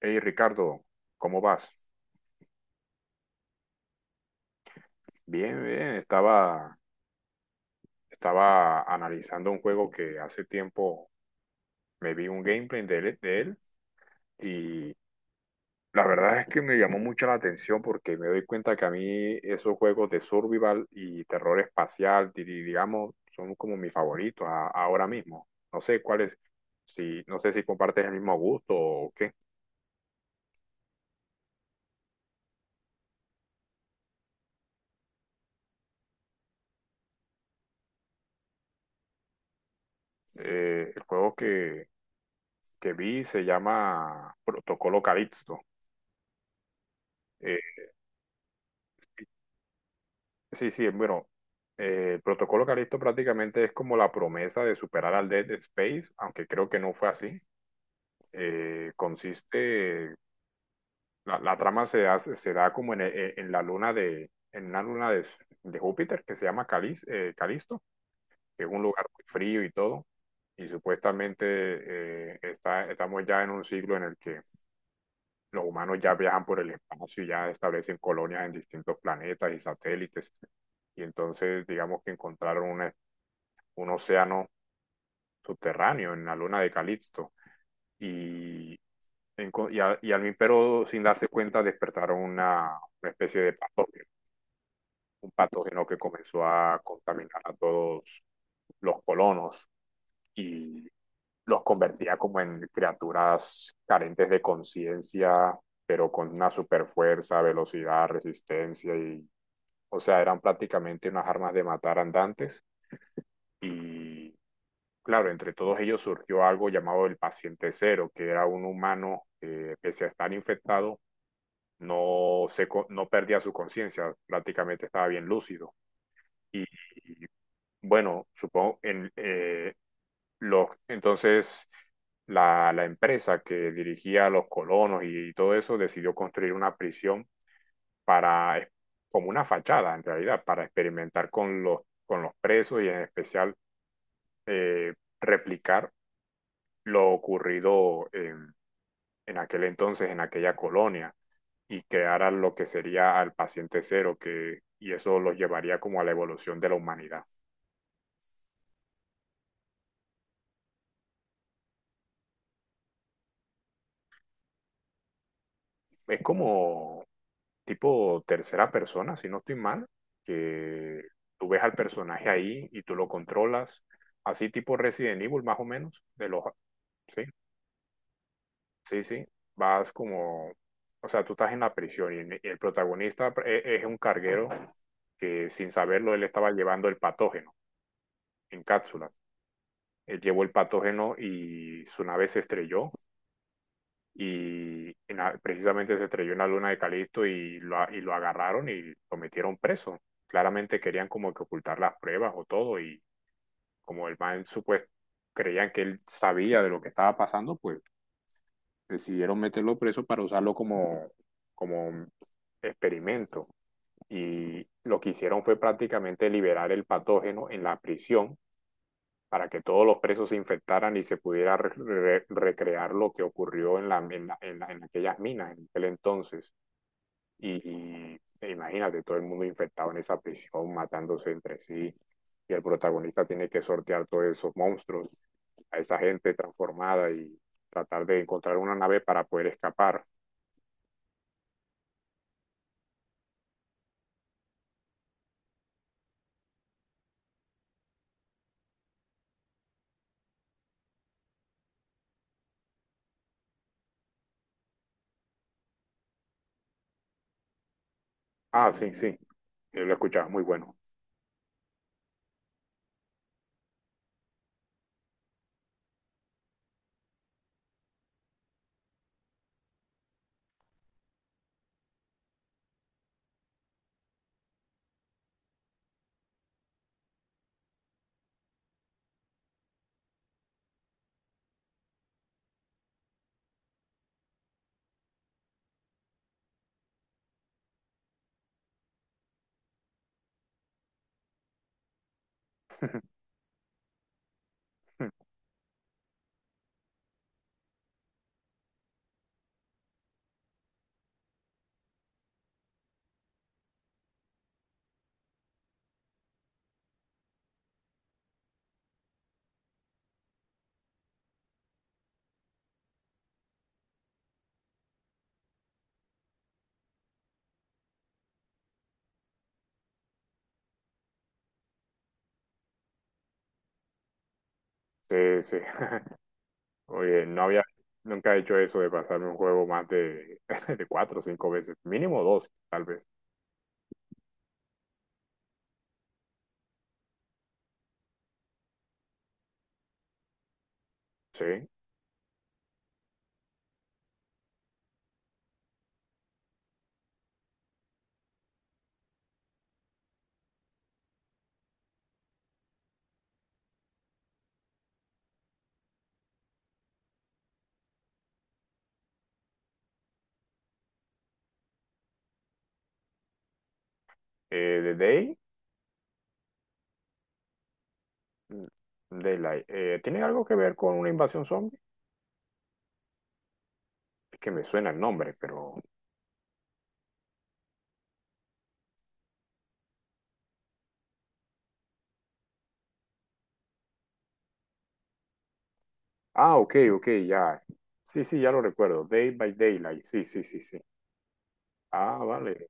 Hey Ricardo, ¿cómo vas? Bien, bien. Estaba analizando un juego que hace tiempo me vi un gameplay de él y la verdad es que me llamó mucho la atención porque me doy cuenta que a mí esos juegos de survival y terror espacial, digamos, son como mis favoritos ahora mismo. No sé cuáles, si, no sé si compartes el mismo gusto o qué. El juego que vi se llama Protocolo Calixto. Sí, sí, bueno, el protocolo Calisto prácticamente es como la promesa de superar al Dead Space, aunque creo que no fue así. Eh, consiste, la trama se da como en la luna en una luna de Júpiter que se llama Calisto, que es un lugar muy frío y todo. Y supuestamente estamos ya en un siglo en el que los humanos ya viajan por el espacio y ya establecen colonias en distintos planetas y satélites. Y entonces, digamos que encontraron una un océano subterráneo en la luna de Calixto. Y, al Mimpero, sin darse cuenta, despertaron especie de patógeno, un patógeno que comenzó a contaminar a todos los colonos, y los convertía como en criaturas carentes de conciencia, pero con una super fuerza, velocidad, resistencia y, o sea, eran prácticamente unas armas de matar andantes. Y claro, entre todos ellos surgió algo llamado el paciente cero, que era un humano que, pese a estar infectado, no perdía su conciencia, prácticamente estaba bien lúcido. Y, y, bueno, entonces la empresa que dirigía a los colonos y todo eso decidió construir una prisión para, como una fachada en realidad, para experimentar con con los presos y en especial eh, replicar lo ocurrido en aquel entonces, en aquella colonia, y crearan lo que sería al paciente cero, que, y eso los llevaría como a la evolución de la humanidad. Es como tipo tercera persona, si no estoy mal, que tú ves al personaje ahí y tú lo controlas, así tipo Resident Evil más o menos, de los, sí, sí, sí, vas como, o sea, tú estás en la prisión y el protagonista es un carguero que sin saberlo él estaba llevando el patógeno en cápsulas. Él llevó el patógeno y su nave se estrelló precisamente se estrelló en la luna de Calisto y y lo agarraron y lo metieron preso. Claramente querían como que ocultar las pruebas o todo, y como el man supuesto creían que él sabía de lo que estaba pasando, pues decidieron meterlo preso para usarlo como, como experimento. Y lo que hicieron fue prácticamente liberar el patógeno en la prisión para que todos los presos se infectaran y se pudiera recrear lo que ocurrió en aquellas minas en aquel entonces. Y, Imagínate, todo el mundo infectado en esa prisión, matándose entre sí, y el protagonista tiene que sortear todos esos monstruos, a esa gente transformada y tratar de encontrar una nave para poder escapar. Ah, sí, sí, yo lo escuchaba, muy bueno. Sí, sí. Oye, no había nunca he hecho eso de pasarme un juego más de, de cuatro o cinco veces, mínimo dos, tal vez. Sí. The Day, mm, Daylight. ¿Tiene algo que ver con una invasión zombie? Es que me suena el nombre, pero. Ah, ok, ok, ya. Sí, sí, ya lo recuerdo. Day by Daylight. Sí, sí, sí, sí. Ah, vale.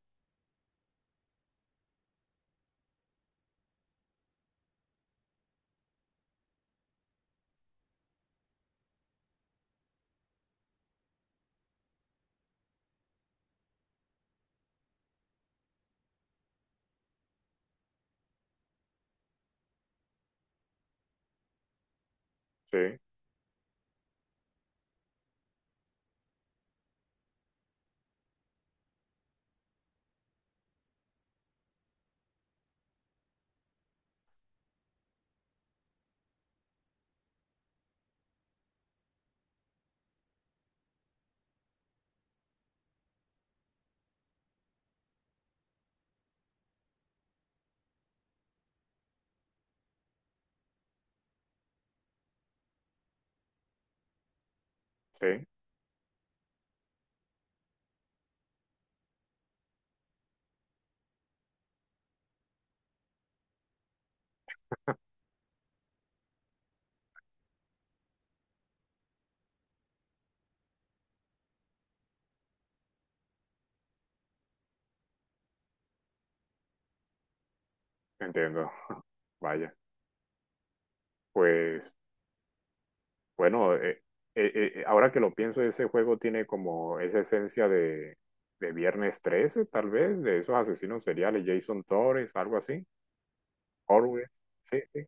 Sí, sí, entiendo. Vaya. Pues. Bueno, eh, ahora que lo pienso, ese juego tiene como esa esencia de Viernes 13 tal vez, de esos asesinos seriales, Jason Torres, algo así, Orwell, sí, sí,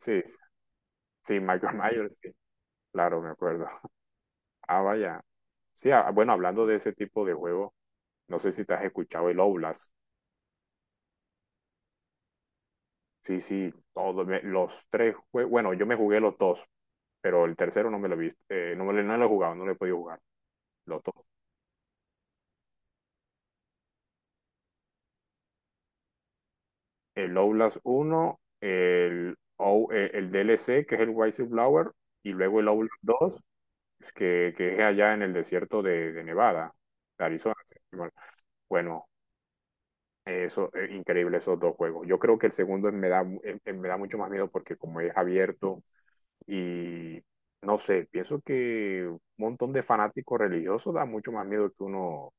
sí, sí, Michael Myers, sí, claro, me acuerdo. Ah, vaya. Sí, ah, bueno, hablando de ese tipo de juego, no sé si te has escuchado el Oblast. Sí, sí, los tres juegos, bueno, yo me jugué los dos, pero el tercero no me lo he visto, no lo he jugado, no lo he podido jugar. Los dos, el Outlast uno el DLC, que es el Whistleblower, y luego el Outlast 2 que es allá en el desierto de Nevada, de Arizona. Bueno, bueno, eso es increíble, esos dos juegos. Yo creo que el segundo me da, me da mucho más miedo porque como es abierto, y no sé, pienso que un montón de fanáticos religiosos da mucho más miedo que uno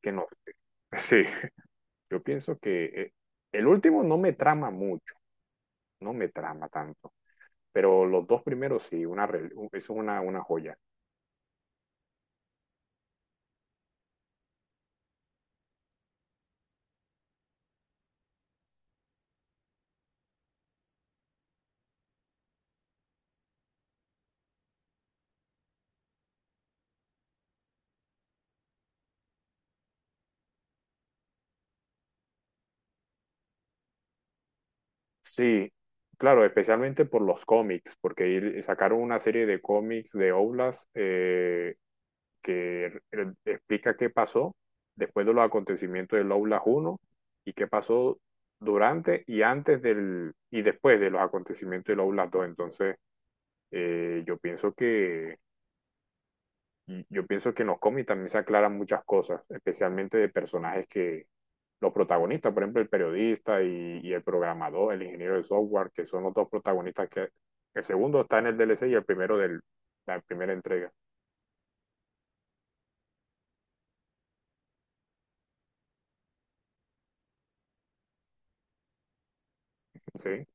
que no. Sí, yo pienso que el último no me trama mucho. No me trama tanto. Pero los dos primeros sí, una, re- es una joya. Sí, claro, especialmente por los cómics, porque sacaron una serie de cómics de Oblast, que explica qué pasó después de los acontecimientos del Oblast uno y qué pasó durante y antes del y después de los acontecimientos del Oblast dos. Entonces, eh, yo pienso que Yo pienso que en los cómics también se aclaran muchas cosas, especialmente de personajes que los protagonistas, por ejemplo, el periodista y el programador, el ingeniero de software, que son los dos protagonistas, que el segundo está en el DLC y el primero de la primera entrega. Sí,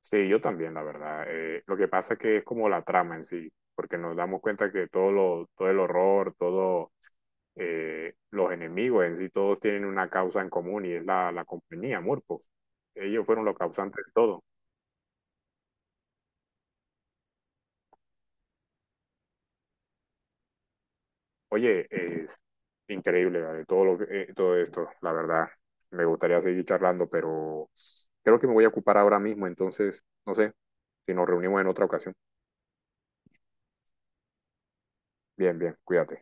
sí, yo también, la verdad. Lo que pasa es que es como la trama en sí, porque nos damos cuenta que todo, lo, todo el horror, todos los enemigos en sí, todos tienen una causa en común y es la, la compañía, Murphy. Ellos fueron los causantes de todo. Oye, es increíble, ¿vale? Todo esto, la verdad. Me gustaría seguir charlando, pero creo que me voy a ocupar ahora mismo, entonces, no sé, si nos reunimos en otra ocasión. Bien, bien, cuídate.